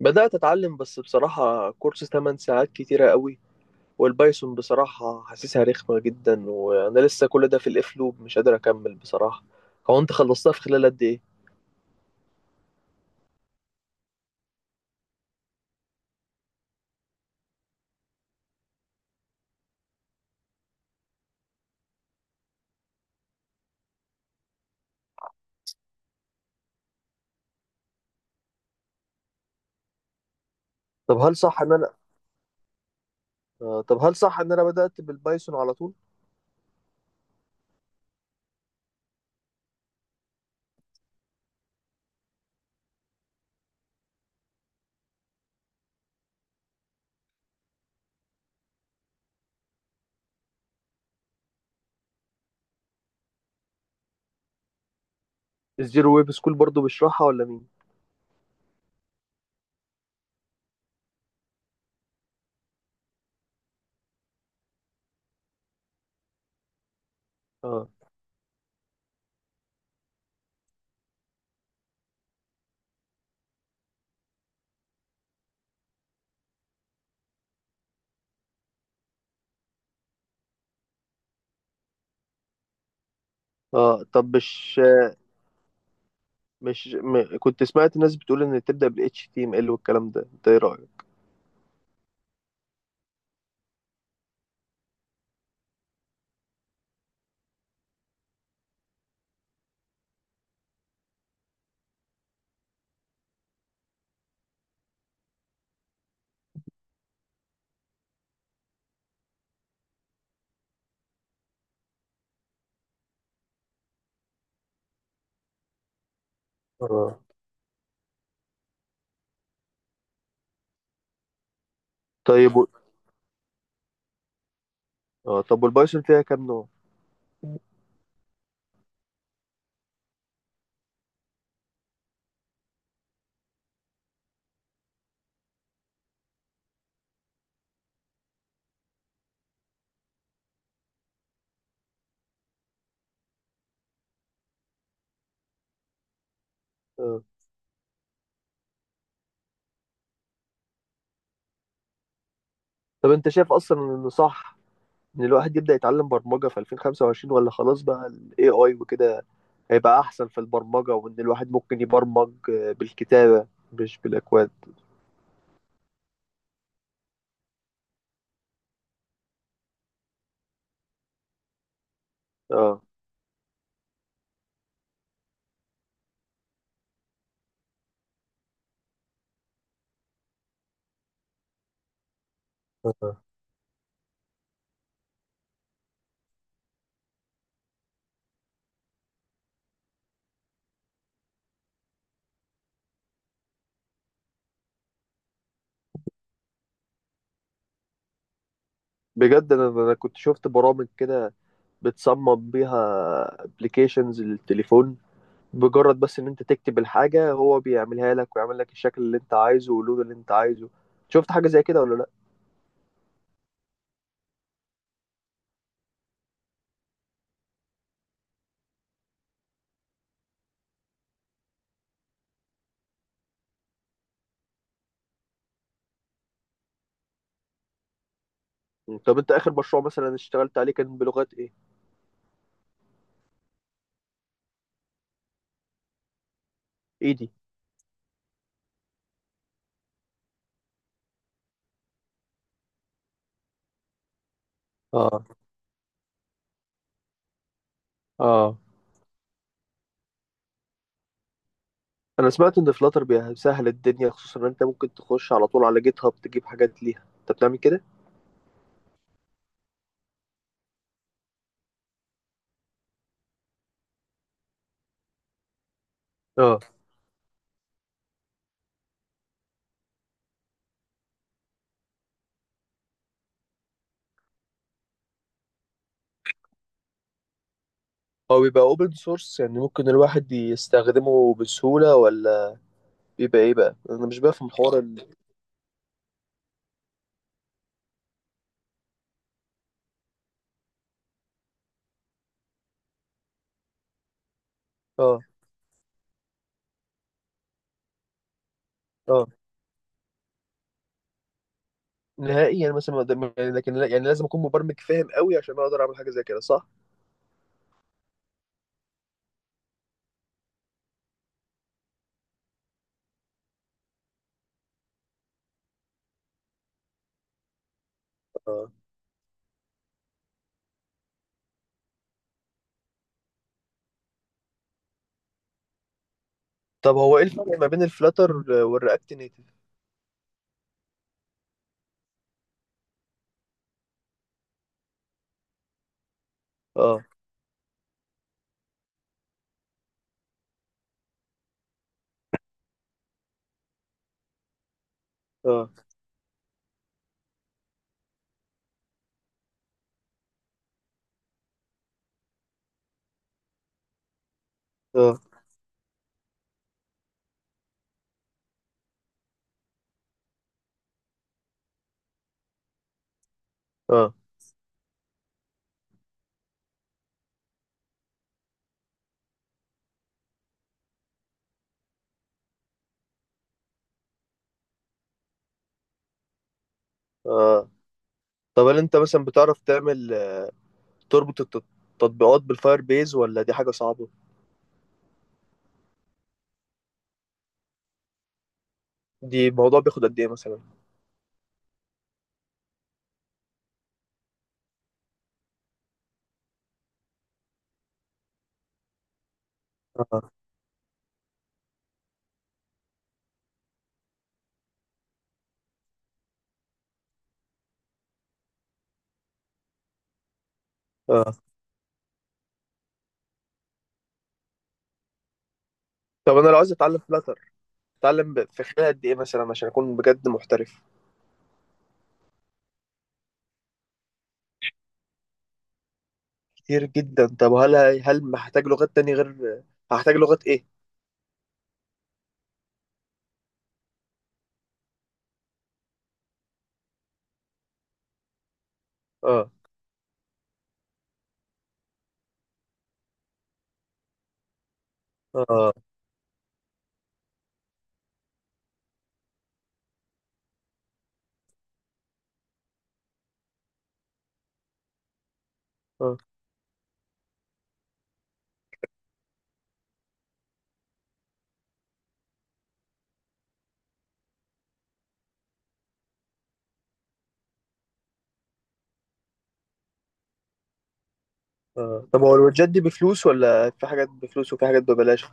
بدأت أتعلم، بس بصراحة كورس 8 ساعات كتيرة قوي. والبايثون بصراحة حاسسها رخمة جدا، وأنا لسه كل ده في الإف لوب، مش قادر أكمل بصراحة. هو أنت خلصتها في خلال قد إيه؟ طب هل صح إن أنا طب هل صح إن أنا بدأت بالبايثون على طول؟ الزيرو ويب سكول برضو بيشرحها ولا مين؟ آه آه. طب مش كنت سمعت ناس بتقول إن تبدأ بال HTML والكلام ده، أنت إيه رأيك؟ آه. طيب آه، طب والبايثون فيها كام نوع؟ آه. طب أنت شايف أصلا إنه صح ان الواحد يبدأ يتعلم برمجة في 2025، ولا خلاص بقى ال AI وكده هيبقى احسن في البرمجة، وان الواحد ممكن يبرمج بالكتابة، مش بالاكواد. اه. آه. بجد انا كنت شفت برامج كده، بتصمم بيها ابلكيشنز للتليفون، بمجرد بس ان انت تكتب الحاجة هو بيعملها لك ويعمل لك الشكل اللي انت عايزه واللون اللي انت عايزه. شفت حاجة زي كده ولا لا؟ طب انت اخر مشروع مثلا اشتغلت عليه كان بلغات ايه؟ ايدي. اه، اه. انا سمعت ان فلاتر بيسهل الدنيا، خصوصا ان انت ممكن تخش على طول على جيت هاب تجيب حاجات ليها، انت بتعمل كده؟ اه. هو بيبقى اوبن سورس، يعني ممكن الواحد يستخدمه بسهولة، ولا بيبقى ايه بقى؟ انا مش بفهم حوار اه، اه. نهائي، يعني مثلا ما قدام- يعني لكن يعني لازم اكون مبرمج فاهم قوي عشان اقدر اعمل حاجة زي كده، صح؟ اه. طب هو ايه الفرق ما بين الفلاتر والرياكت نيتف؟ اه، اه، اه، اه، اه. طب هل انت مثلا بتعرف تعمل تربط التطبيقات بالفاير بيز، ولا دي حاجة صعبة؟ دي الموضوع بياخد قد ايه مثلا؟ اه، اه. طب انا لو عايز اتعلم فلاتر اتعلم في خلال قد ايه مثلا عشان اكون بجد محترف؟ كتير جدا. طب هل هحتاج لغات تاني غير هحتاج لغات ايه؟ اه، اه، اه، اه. طب هو الوجات دي بفلوس، ولا في حاجات بفلوس وفي حاجات ببلاش؟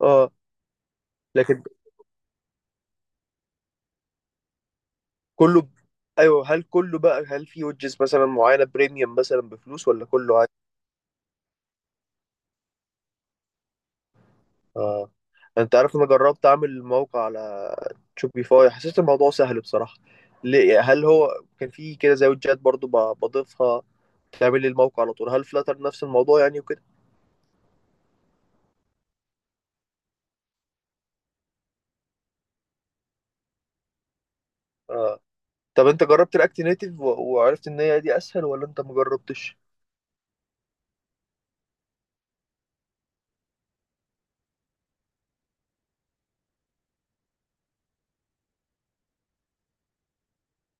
اه. لكن كله ب... ايوه، هل كله بقى هل في وجز مثلا معينة بريميوم مثلا بفلوس، ولا كله عادي؟ اه. انت عارف، انا جربت اعمل موقع على شوبيفاي، حسيت الموضوع سهل بصراحة. ليه؟ هل هو كان فيه كده زي ويدجات برضو بضيفها تعمل لي الموقع على طول؟ هل فلاتر نفس الموضوع يعني وكده؟ آه. طب انت جربت رياكت نيتيف وعرفت ان هي دي اسهل، ولا انت ما جربتش؟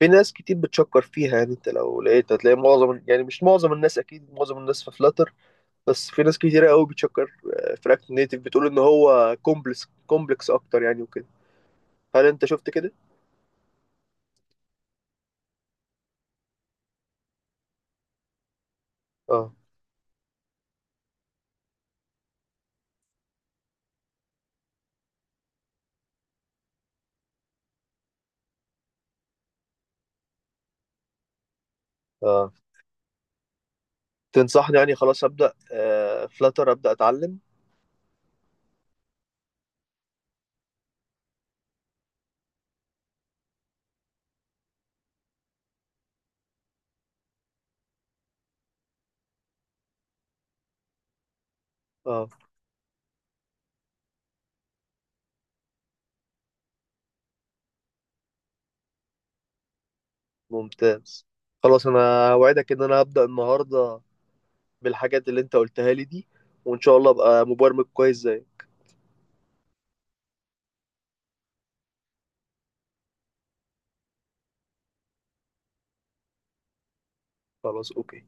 في ناس كتير بتشكر فيها يعني. انت لو لقيت هتلاقي معظم، يعني مش معظم الناس، اكيد معظم الناس في فلاتر، بس في ناس كتيرة قوي بتشكر في رياكت نيتيف، بتقول ان هو كومبلكس كومبلكس اكتر يعني وكده. هل انت شفت كده؟ اه، اه. تنصحني يعني خلاص ابدا فلاتر ابدا اتعلم؟ اه. ممتاز. خلاص، انا اوعدك ان انا هبدا النهارده بالحاجات اللي انت قلتها لي دي، وان شاء الله ابقى مبرمج كويس زي. خلاص. اوكي.